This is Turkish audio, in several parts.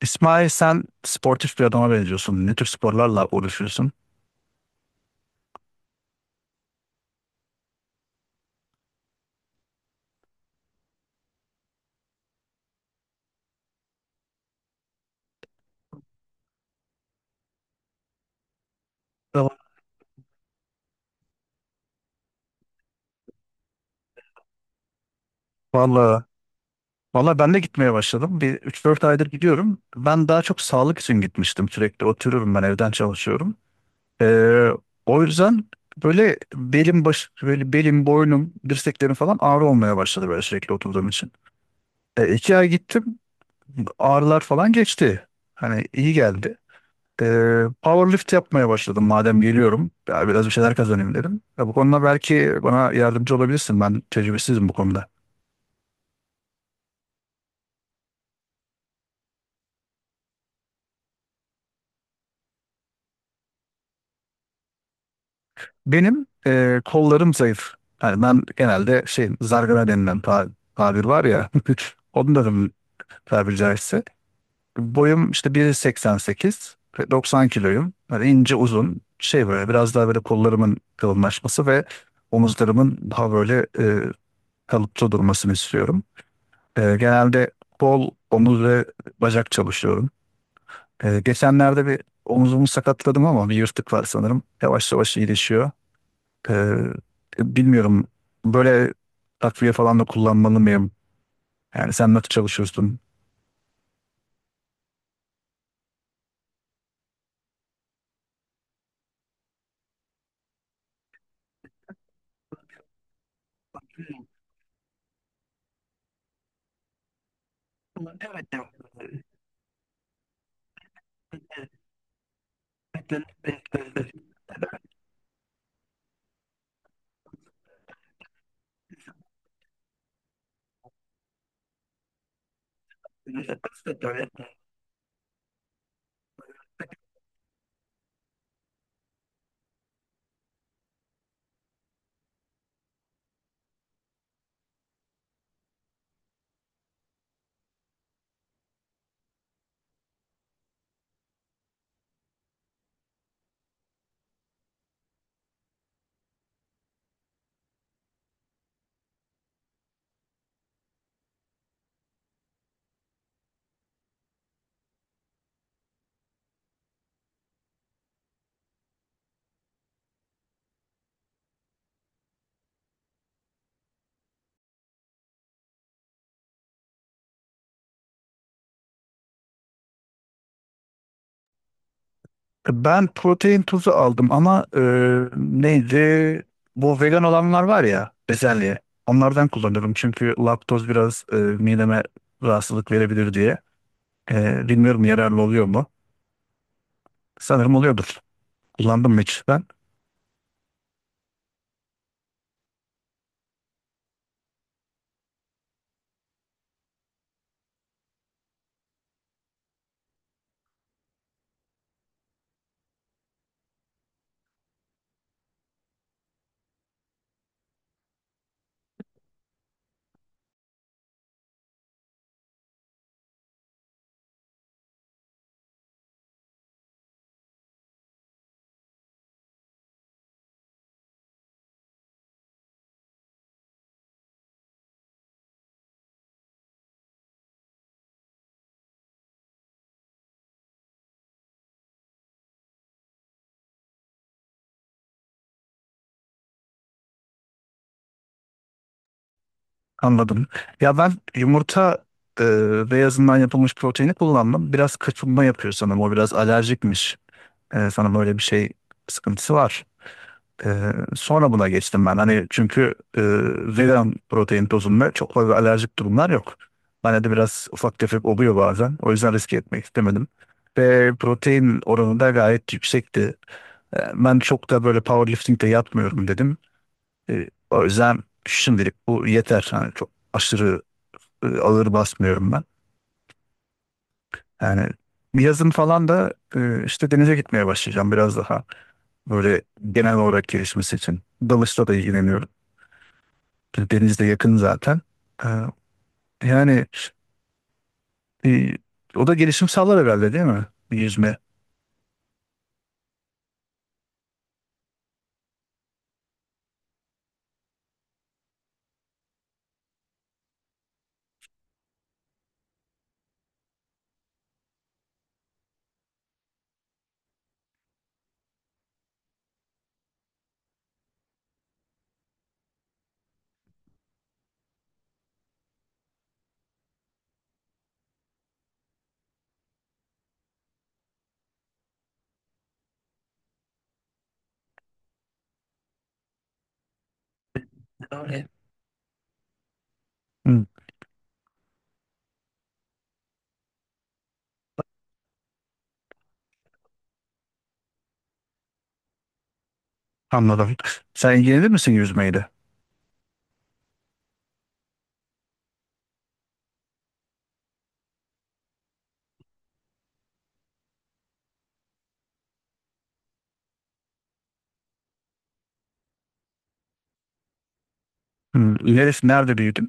İsmail, sen sportif bir adama benziyorsun. Ne tür sporlarla uğraşıyorsun? Valla, valla ben de gitmeye başladım. Bir üç dört aydır gidiyorum. Ben daha çok sağlık için gitmiştim sürekli. Oturuyorum, ben evden çalışıyorum. Ee, O yüzden böyle belim baş böyle belim, boynum, dirseklerim falan ağrı olmaya başladı böyle, sürekli oturduğum için. İki ay gittim, ağrılar falan geçti. Hani iyi geldi. Powerlift yapmaya başladım madem geliyorum. Ya biraz bir şeyler kazanayım dedim. Ya bu konuda belki bana yardımcı olabilirsin. Ben tecrübesizim bu konuda. Benim kollarım zayıf. Yani ben genelde şey, zargana denilen tabir var ya. Onların, tabiri caizse. Boyum işte 1,88 ve 90 kiloyum. Böyle ince uzun şey, böyle biraz daha böyle kollarımın kalınlaşması ve omuzlarımın daha böyle kalıpçı durmasını istiyorum. Genelde kol, omuz ve bacak çalışıyorum. Geçenlerde bir omuzumu sakatladım, ama bir yırtık var sanırım. Yavaş yavaş iyileşiyor. E, Bilmiyorum, böyle takviye falan da kullanmalı mıyım? Yani sen nasıl çalışıyorsun? Ben protein tozu aldım ama neydi? Bu vegan olanlar var ya, bezelye. Onlardan kullanıyorum çünkü laktoz biraz mideme rahatsızlık verebilir diye. Bilmiyorum, yararlı oluyor mu? Sanırım oluyordur. Kullandım mı hiç ben? Anladım. Ya ben yumurta e, beyazından yapılmış proteini kullandım. Biraz kaçınma yapıyor sanırım. O biraz alerjikmiş. Sanırım öyle bir şey sıkıntısı var. E, Sonra buna geçtim ben. Hani çünkü vegan protein tozunda çok fazla alerjik durumlar yok. Bana de biraz ufak tefek oluyor bazen. O yüzden riske etmek istemedim. Ve protein oranı da gayet yüksekti. Ben çok da böyle powerlifting de yapmıyorum dedim. O yüzden şimdilik bu yeter. Hani çok aşırı ağır basmıyorum ben. Yani yazın falan da işte denize gitmeye başlayacağım biraz daha. Böyle genel olarak gelişmesi için. Dalışla da ilgileniyorum. Deniz de yakın zaten. E, yani e, o da gelişim sağlar herhalde, değil mi? Bir yüzme. Hı, anladım. Sen ilgilenir misin yüzmeyle? Hı, neresi, nerede büyüdün?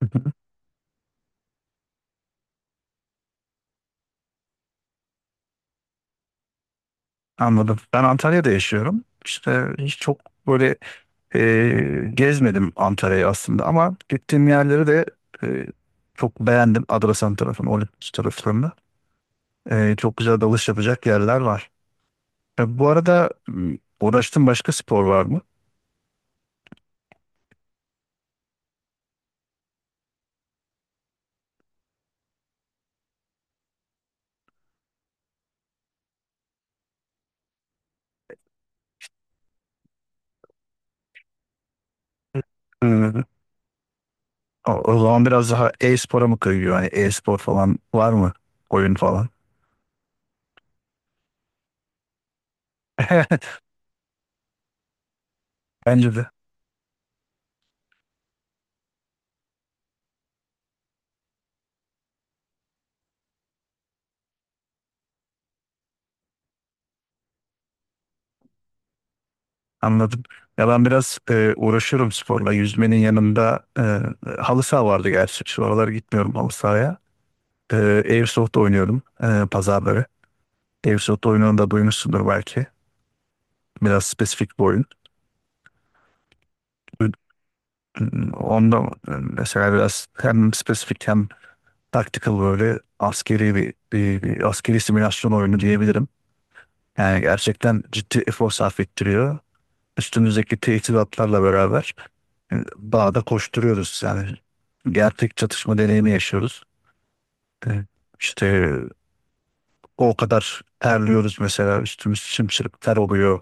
Anladım. Ben Antalya'da yaşıyorum. İşte hiç çok böyle gezmedim Antalya'yı aslında, ama gittiğim yerleri de e, çok beğendim. Adrasan tarafını, Olimpos taraflarını. Çok güzel dalış yapacak yerler var. Bu arada uğraştığın başka spor var mı? Hı. O, o zaman biraz daha e-spora mı kayıyor? Hani e-spor falan var mı? Oyun falan. Bence de. Anladım. Ya ben biraz uğraşıyorum sporla. Yüzmenin yanında halı saha vardı gerçi. Şu aralar gitmiyorum halı sahaya. E, Airsoft oynuyorum, pazarları. Airsoft oyununu da duymuşsundur belki. Biraz spesifik bir oyun. Ü- Onda mesela biraz hem spesifik hem tactical, böyle askeri bir askeri simülasyon oyunu diyebilirim. Yani gerçekten ciddi efor sarf ettiriyor. Üstünüzdeki teçhizatlarla beraber bağda koşturuyoruz yani. Gerçek çatışma deneyimi yaşıyoruz. E, İşte o kadar terliyoruz mesela, üstümüz sımsıkı ter oluyor.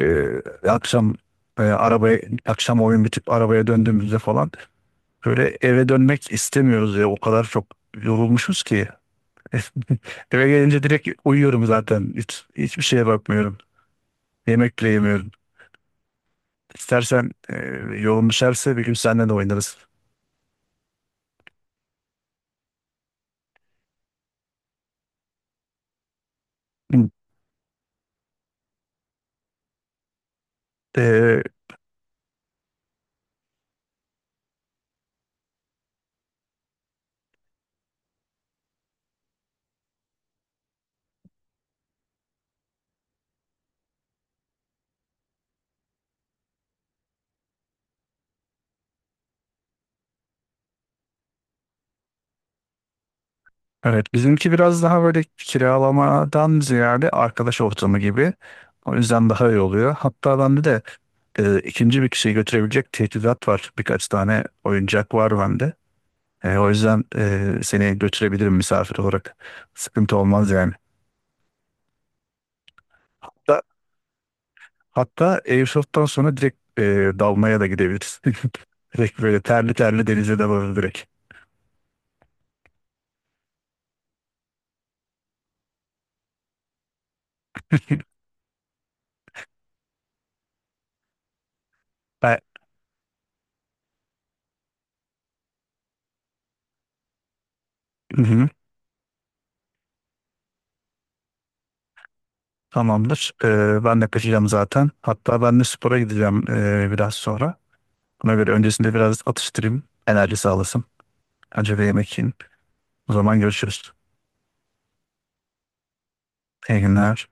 E, akşam arabaya, akşam oyun bitip arabaya döndüğümüzde falan böyle eve dönmek istemiyoruz ya, o kadar çok yorulmuşuz ki. Eve gelince direkt uyuyorum zaten. Hiçbir şeye bakmıyorum. Yemek bile yemiyorum. İstersen yolun düşerse bir gün seninle de oynarız. Hı. E, Evet, bizimki biraz daha böyle kiralamadan ziyade arkadaş ortamı gibi. O yüzden daha iyi oluyor. Hatta bende de ikinci bir kişiyi götürebilecek teçhizat var. Birkaç tane oyuncak var bende. O yüzden seni götürebilirim misafir olarak. Sıkıntı olmaz yani. Hatta, hatta Airsoft'tan sonra direkt dalmaya da gidebiliriz. Direkt böyle terli terli denize de varır direkt. Ben, hı hı, tamamdır. Ben de kaçacağım zaten. Hatta ben de spora gideceğim, biraz sonra. Ona göre öncesinde biraz atıştırayım. Enerji sağlasın. Acaba yemek yiyin. O zaman görüşürüz. İyi günler.